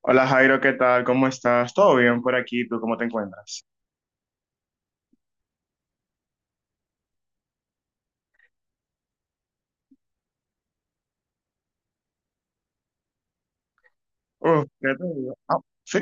Hola Jairo, ¿qué tal? ¿Cómo estás? ¿Todo bien por aquí? ¿Tú cómo te encuentras? Uf, ¿qué te digo? Ah, sí.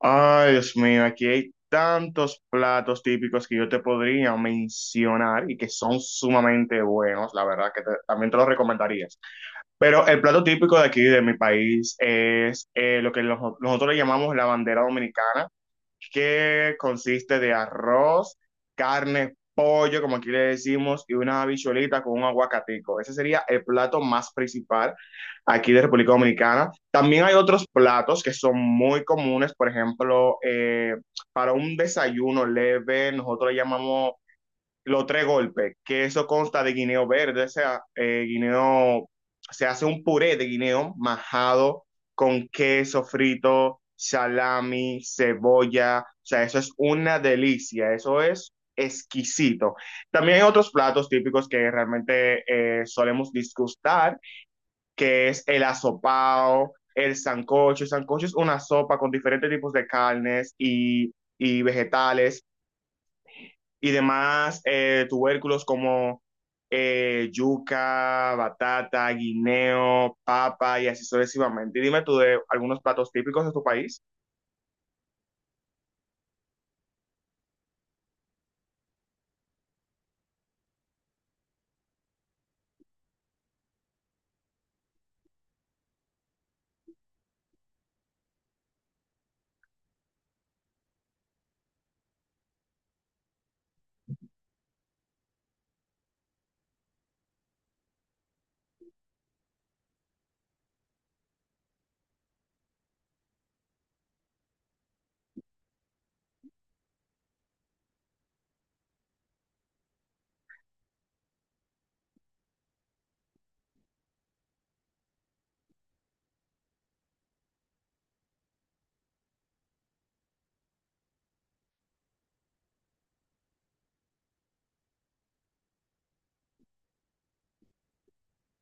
Ay, Dios mío, aquí hay tantos platos típicos que yo te podría mencionar y que son sumamente buenos, la verdad que también te los recomendarías. Pero el plato típico de aquí, de mi país, es lo que nosotros le llamamos la bandera dominicana, que consiste de arroz, carne, pollo, como aquí le decimos, y una habichuelita con un aguacatico. Ese sería el plato más principal aquí de República Dominicana. También hay otros platos que son muy comunes. Por ejemplo, para un desayuno leve, nosotros le llamamos los tres golpes, que eso consta de guineo verde, o sea, se hace un puré de guineo majado con queso frito, salami, cebolla. O sea, eso es una delicia, eso es exquisito. También hay otros platos típicos que realmente solemos disgustar, que es el asopao, el sancocho. El sancocho es una sopa con diferentes tipos de carnes y vegetales y demás tubérculos, como yuca, batata, guineo, papa y así sucesivamente. Y dime tú de algunos platos típicos de tu país.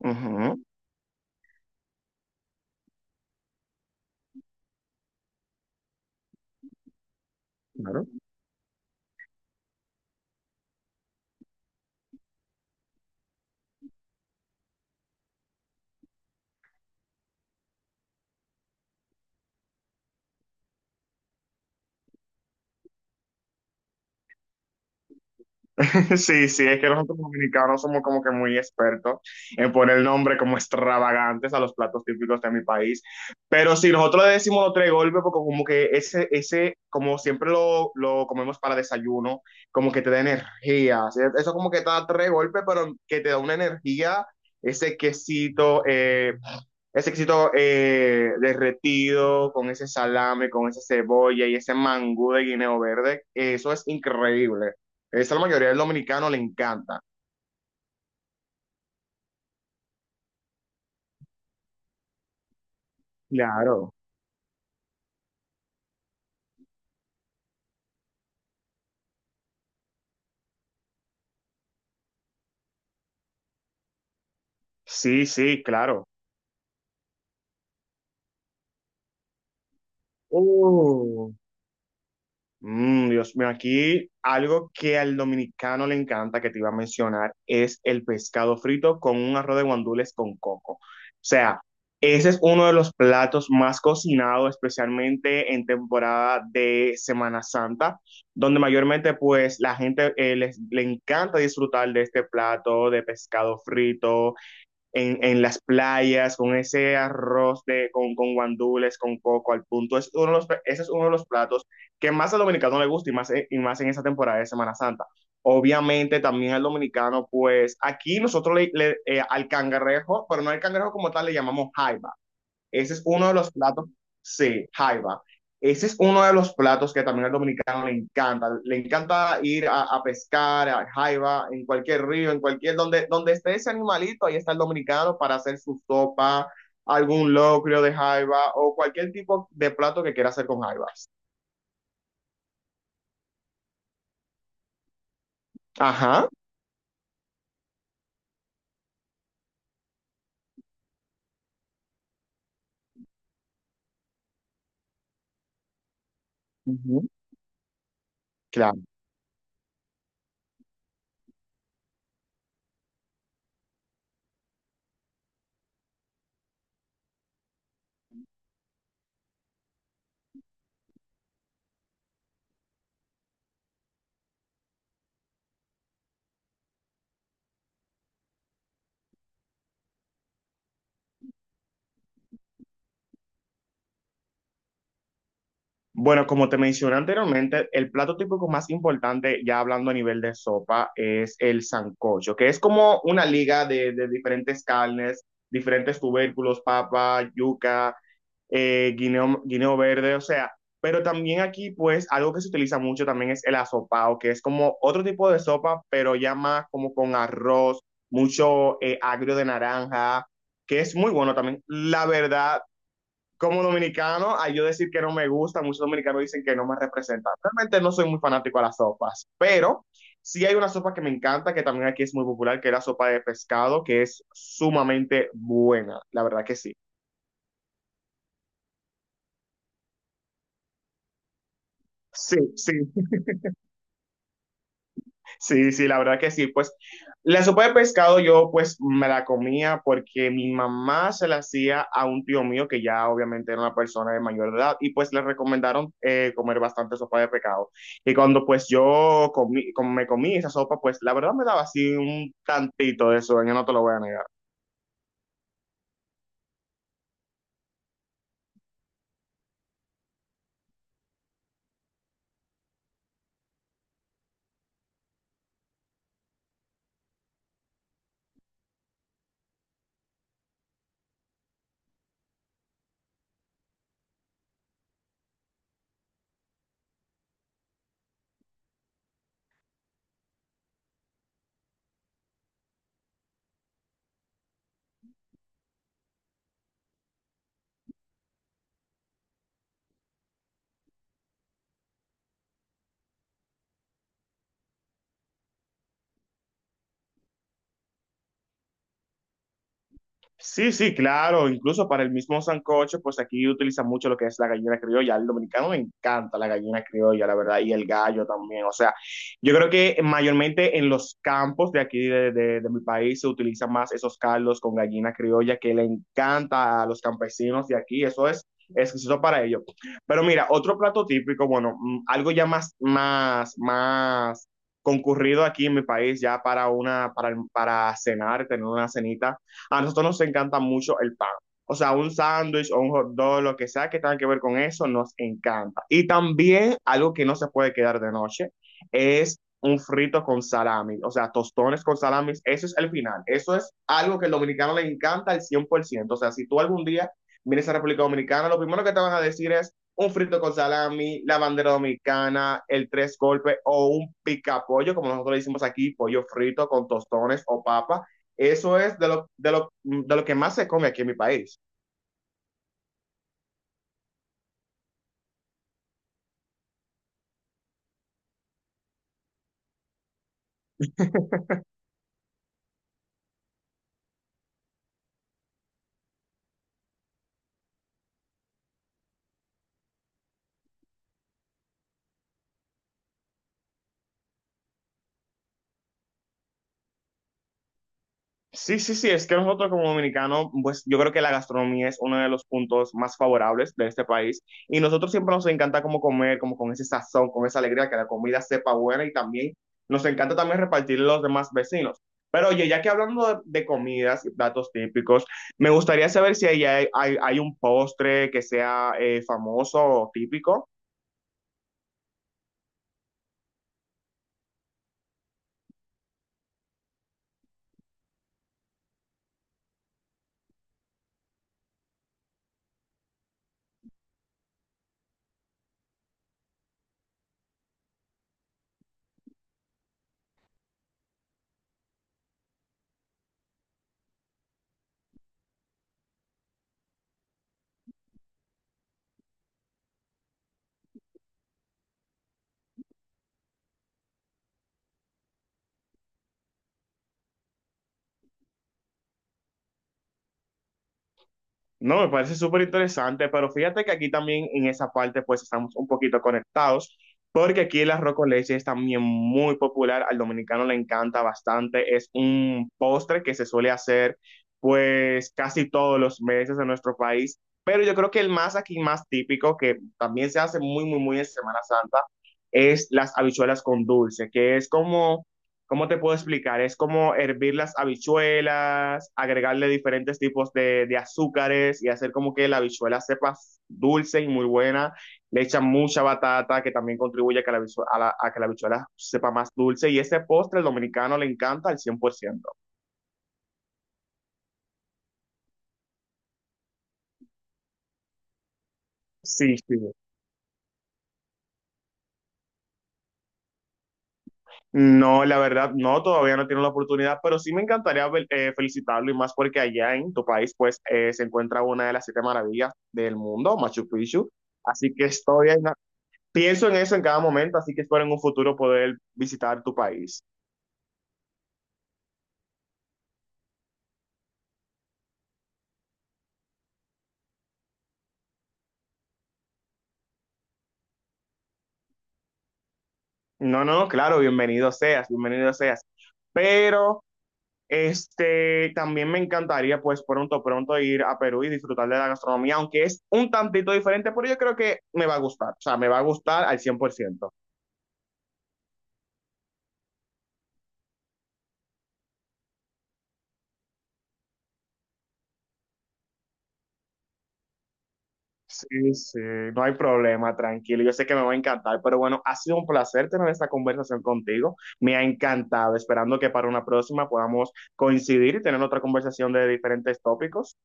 Ujú, claro. Sí, sí, es que nosotros los dominicanos somos como que muy expertos en poner nombre como extravagantes a los platos típicos de mi país. Pero sí, nosotros le decimos los tres golpes porque como que como siempre lo comemos para desayuno, como que te da energía. ¿Sí? Eso como que te da tres golpes, pero que te da una energía, ese quesito, ese éxito derretido con ese salame, con esa cebolla y ese mangú de guineo verde, eso es increíble. Eso a la mayoría del dominicano le encanta. Claro. Sí, sí, claro. Mm, Dios mío, aquí algo que al dominicano le encanta, que te iba a mencionar, es el pescado frito con un arroz de guandules con coco. O sea, ese es uno de los platos más cocinados, especialmente en temporada de Semana Santa, donde mayormente pues la gente le encanta disfrutar de este plato de pescado frito en las playas, con ese arroz con guandules, con coco al punto. Es ese es uno de los platos que más al dominicano le gusta, y más en esa temporada de Semana Santa. Obviamente también al dominicano, pues aquí nosotros le, al cangrejo, pero no al cangrejo como tal, le llamamos jaiba. Ese es uno de los platos, sí, jaiba. Ese es uno de los platos que también al dominicano le encanta. Le encanta ir a pescar, a jaiba, en cualquier río, en cualquier, donde esté ese animalito, ahí está el dominicano para hacer su sopa, algún locrio de jaiba o cualquier tipo de plato que quiera hacer con jaibas. Ajá. Ujú. Bueno, como te mencioné anteriormente, el plato típico más importante, ya hablando a nivel de sopa, es el sancocho, que es como una liga de diferentes carnes, diferentes tubérculos, papa, yuca, guineo, guineo verde. O sea, pero también aquí, pues, algo que se utiliza mucho también es el asopao, que es como otro tipo de sopa, pero ya más como con arroz, mucho agrio de naranja, que es muy bueno también. La verdad, como dominicano, a yo decir que no me gusta, muchos dominicanos dicen que no me representa. Realmente no soy muy fanático a las sopas, pero sí hay una sopa que me encanta, que también aquí es muy popular, que es la sopa de pescado, que es sumamente buena, la verdad que sí. Sí, sí. Sí, sí, la verdad que sí. Pues la sopa de pescado yo pues me la comía porque mi mamá se la hacía a un tío mío que ya obviamente era una persona de mayor edad, y pues le recomendaron comer bastante sopa de pescado. Y cuando pues yo comí, como me comí esa sopa, pues la verdad me daba así un tantito de sueño, no te lo voy a negar. Sí, sí, claro, incluso para el mismo sancocho, pues aquí utilizan mucho lo que es la gallina criolla. Al dominicano le encanta la gallina criolla, la verdad, y el gallo también. O sea, yo creo que mayormente en los campos de aquí de mi país se utilizan más esos caldos con gallina criolla, que le encanta a los campesinos de aquí. Eso es exquisito para ellos. Pero mira, otro plato típico, bueno, mm, algo ya más, más, más concurrido aquí en mi país, ya para cenar, tener una cenita, a nosotros nos encanta mucho el pan. O sea, un sándwich o un hot dog, lo que sea que tenga que ver con eso, nos encanta. Y también algo que no se puede quedar de noche es un frito con salami, o sea, tostones con salami, eso es el final. Eso es algo que al dominicano le encanta al 100%. O sea, si tú algún día vienes a República Dominicana, lo primero que te van a decir es un frito con salami, la bandera dominicana, el tres golpes o un picapollo, como nosotros le decimos aquí, pollo frito con tostones o papa. Eso es de lo que más se come aquí en mi país. Sí, sí, sí, es que nosotros como dominicanos, pues yo creo que la gastronomía es uno de los puntos más favorables de este país, y nosotros siempre nos encanta como comer, como con ese sazón, con esa alegría, que la comida sepa buena, y también nos encanta también repartirle a los demás vecinos. Pero oye, ya que hablando de comidas y platos típicos, me gustaría saber si ahí hay un postre que sea famoso o típico. No, me parece súper interesante, pero fíjate que aquí también en esa parte pues estamos un poquito conectados, porque aquí el arroz con leche es también muy popular, al dominicano le encanta bastante, es un postre que se suele hacer pues casi todos los meses en nuestro país. Pero yo creo que el más aquí más típico, que también se hace muy, muy, muy en Semana Santa, es las habichuelas con dulce, que es como. ¿Cómo te puedo explicar? Es como hervir las habichuelas, agregarle diferentes tipos de azúcares y hacer como que la habichuela sepa dulce y muy buena. Le echan mucha batata que también contribuye a que la, habichu- a la- a que la habichuela sepa más dulce. Y ese postre el dominicano le encanta al 100%. Sí, sí. No, la verdad, no, todavía no tiene la oportunidad, pero sí me encantaría felicitarlo, y más porque allá en tu país pues se encuentra una de las siete maravillas del mundo, Machu Picchu. Así que estoy en. Pienso en eso en cada momento, así que espero en un futuro poder visitar tu país. No, no, claro, bienvenido seas, bienvenido seas. Pero este también me encantaría pues pronto, pronto ir a Perú y disfrutar de la gastronomía, aunque es un tantito diferente, pero yo creo que me va a gustar, o sea, me va a gustar al 100%. Sí, sí, no hay problema, tranquilo. Yo sé que me va a encantar, pero bueno, ha sido un placer tener esta conversación contigo. Me ha encantado, esperando que para una próxima podamos coincidir y tener otra conversación de diferentes tópicos.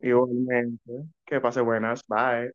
Igualmente, que pase buenas, bye.